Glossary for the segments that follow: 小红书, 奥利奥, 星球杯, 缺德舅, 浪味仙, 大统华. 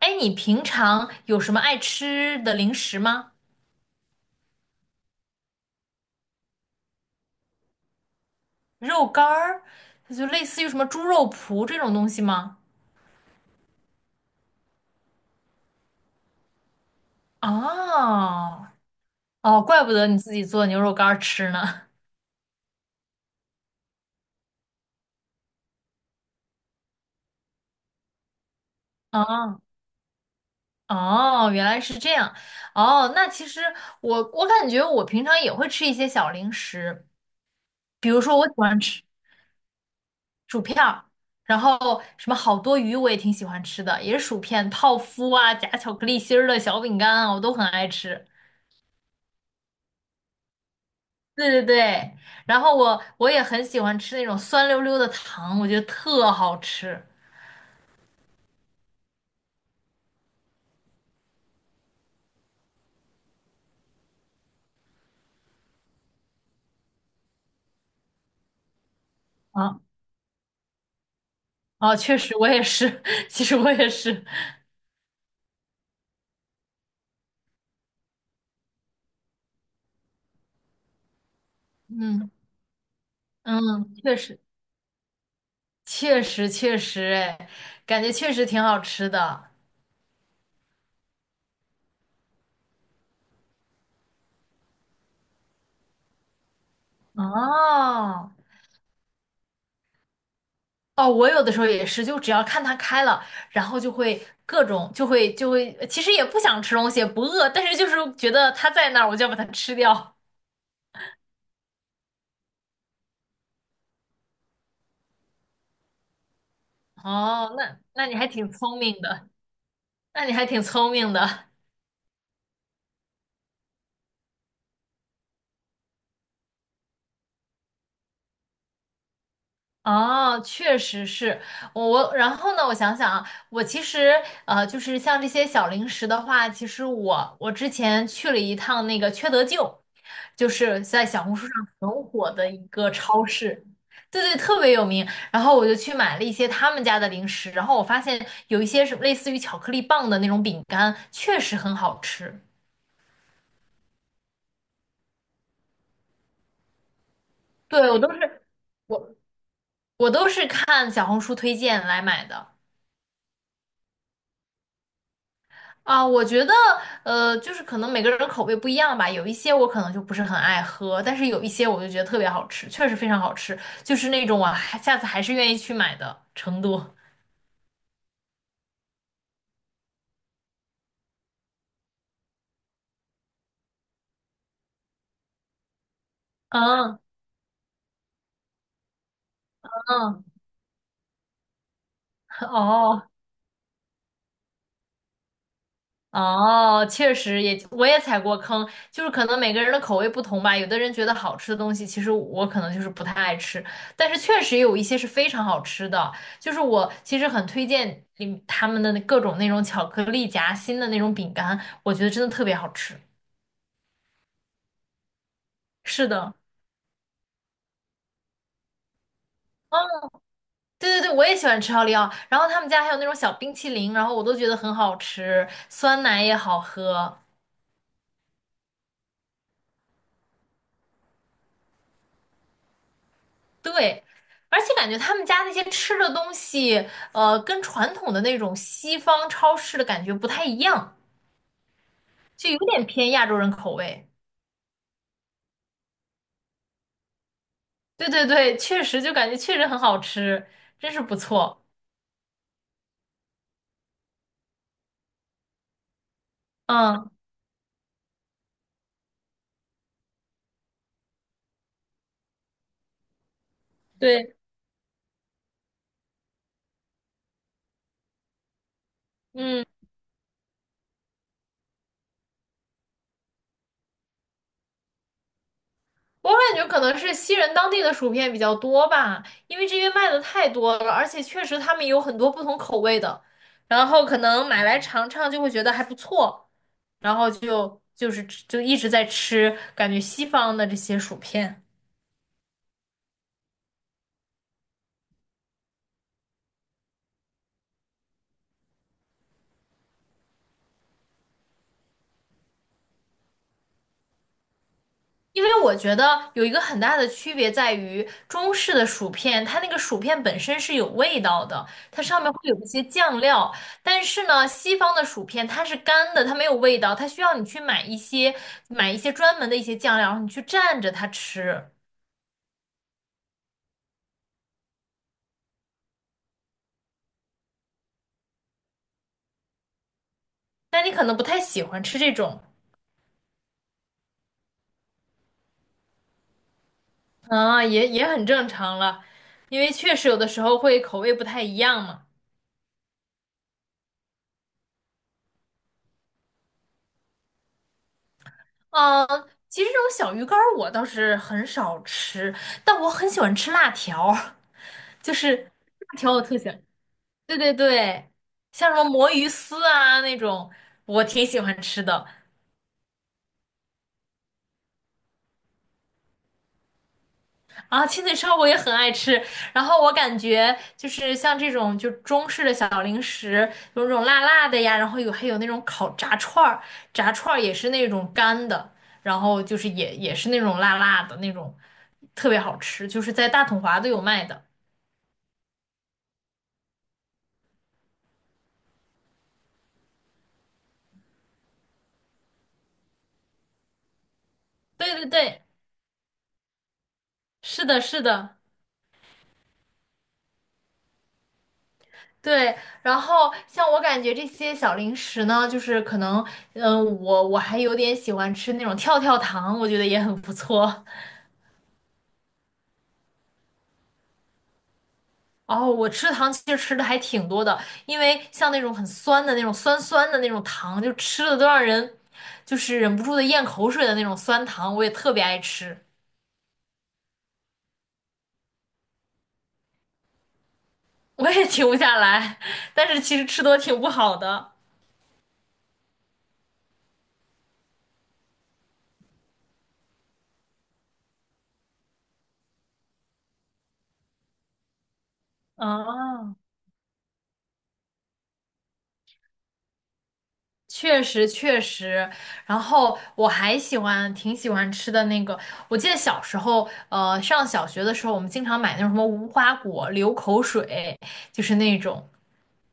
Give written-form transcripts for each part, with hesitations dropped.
哎，你平常有什么爱吃的零食吗？肉干儿，就类似于什么猪肉脯这种东西吗？啊，哦，怪不得你自己做牛肉干儿吃呢。啊，哦，原来是这样。哦，那其实我感觉我平常也会吃一些小零食，比如说我喜欢吃薯片儿，然后什么好多鱼我也挺喜欢吃的，也是薯片、泡芙啊，夹巧克力心儿的小饼干啊，我都很爱吃。对对对，然后我也很喜欢吃那种酸溜溜的糖，我觉得特好吃。啊啊，确实我也是，其实我也是，嗯嗯，确实确实，哎，感觉确实挺好吃的。哦哦，我有的时候也是，就只要看它开了，然后就会各种就会，其实也不想吃东西，也不饿，但是就是觉得它在那儿，我就要把它吃掉。哦，那你还挺聪明的，那你还挺聪明的。哦，确实是我，然后呢，我想想啊，我其实就是像这些小零食的话，其实我之前去了一趟那个缺德舅，就是在小红书上很火的一个超市，对对，特别有名。然后我就去买了一些他们家的零食，然后我发现有一些是类似于巧克力棒的那种饼干，确实很好吃。对，我我都是看小红书推荐来买的。啊，我觉得，就是可能每个人的口味不一样吧，有一些我可能就不是很爱喝，但是有一些我就觉得特别好吃，确实非常好吃，就是那种我还下次还是愿意去买的程度。嗯嗯，哦，哦，确实也，我也踩过坑，就是可能每个人的口味不同吧。有的人觉得好吃的东西，其实我可能就是不太爱吃，但是确实有一些是非常好吃的。就是我其实很推荐你他们的那各种那种巧克力夹心的那种饼干，我觉得真的特别好吃。是的，嗯，对对对，我也喜欢吃奥利奥。然后他们家还有那种小冰淇淋，然后我都觉得很好吃，酸奶也好喝。对，而且感觉他们家那些吃的东西，跟传统的那种西方超市的感觉不太一样，就有点偏亚洲人口味。对对对，确实就感觉确实很好吃，真是不错。嗯，对，嗯。我感觉可能是西人当地的薯片比较多吧，因为这边卖的太多了，而且确实他们有很多不同口味的，然后可能买来尝尝就会觉得还不错，然后就一直在吃，感觉西方的这些薯片。因为我觉得有一个很大的区别在于，中式的薯片，它那个薯片本身是有味道的，它上面会有一些酱料。但是呢，西方的薯片它是干的，它没有味道，它需要你去买一些专门的一些酱料，然后你去蘸着它吃。但你可能不太喜欢吃这种，啊，也很正常了，因为确实有的时候会口味不太一样嘛。嗯，其实这种小鱼干儿我倒是很少吃，但我很喜欢吃辣条。就是挺有特色。对对对，像什么魔芋丝啊那种，我挺喜欢吃的。啊，亲嘴烧我也很爱吃。然后我感觉就是像这种就中式的小零食，有那种辣辣的呀，然后还有那种烤炸串儿，炸串儿也是那种干的，然后就是也是那种辣辣的那种，特别好吃，就是在大统华都有卖的。对对对，是的，是的。对，然后像我感觉这些小零食呢，就是可能，嗯、我还有点喜欢吃那种跳跳糖，我觉得也很不错。哦，我吃糖其实吃的还挺多的，因为像那种很酸的那种酸酸的那种糖，就吃的都让人就是忍不住的咽口水的那种酸糖，我也特别爱吃，我也停不下来，但是其实吃多挺不好的。啊。确实确实，然后我还喜欢挺喜欢吃的那个，我记得小时候，上小学的时候，我们经常买那种什么无花果、流口水，就是那种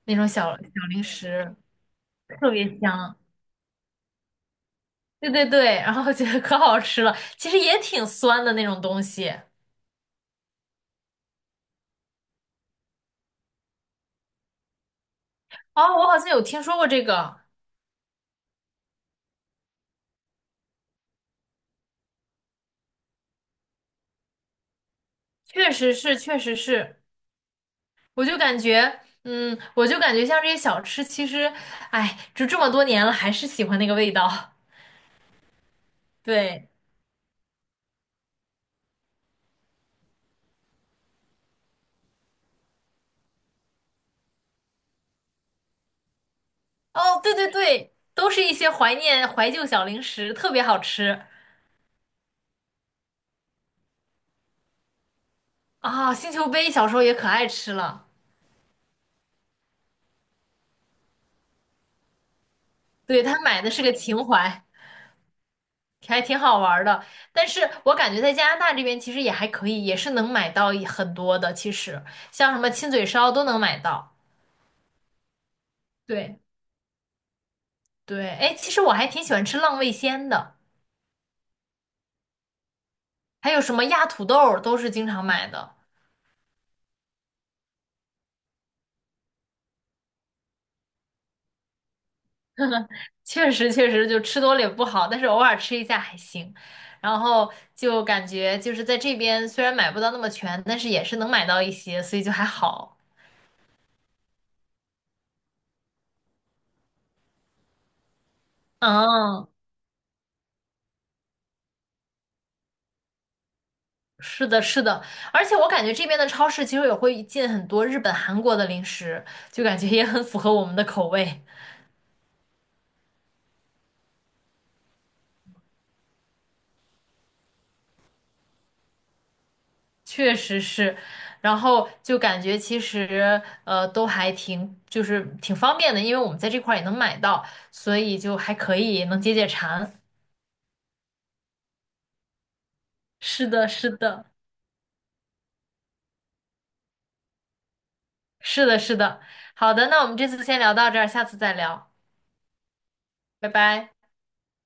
那种小小零食，特别香。对对对，然后觉得可好吃了，其实也挺酸的那种东西。哦，我好像有听说过这个，确实是，确实是，我就感觉，嗯，我就感觉像这些小吃，其实，哎，就这么多年了，还是喜欢那个味道。对。哦，对对对，都是一些怀念怀旧小零食，特别好吃啊！星球杯小时候也可爱吃了，对，他买的是个情怀，还挺好玩儿的。但是我感觉在加拿大这边其实也还可以，也是能买到一很多的，其实像什么亲嘴烧都能买到。对对，哎，其实我还挺喜欢吃浪味仙的，还有什么压土豆儿都是经常买的。确实确实就吃多了也不好，但是偶尔吃一下还行。然后就感觉就是在这边虽然买不到那么全，但是也是能买到一些，所以就还好。嗯，是的，是的，而且我感觉这边的超市其实也会进很多日本、韩国的零食，就感觉也很符合我们的口味，确实是。然后就感觉其实都还挺就是挺方便的，因为我们在这块儿也能买到，所以就还可以能解解馋。是的，是的。是的，是的。好的，那我们这次先聊到这儿，下次再聊，拜拜。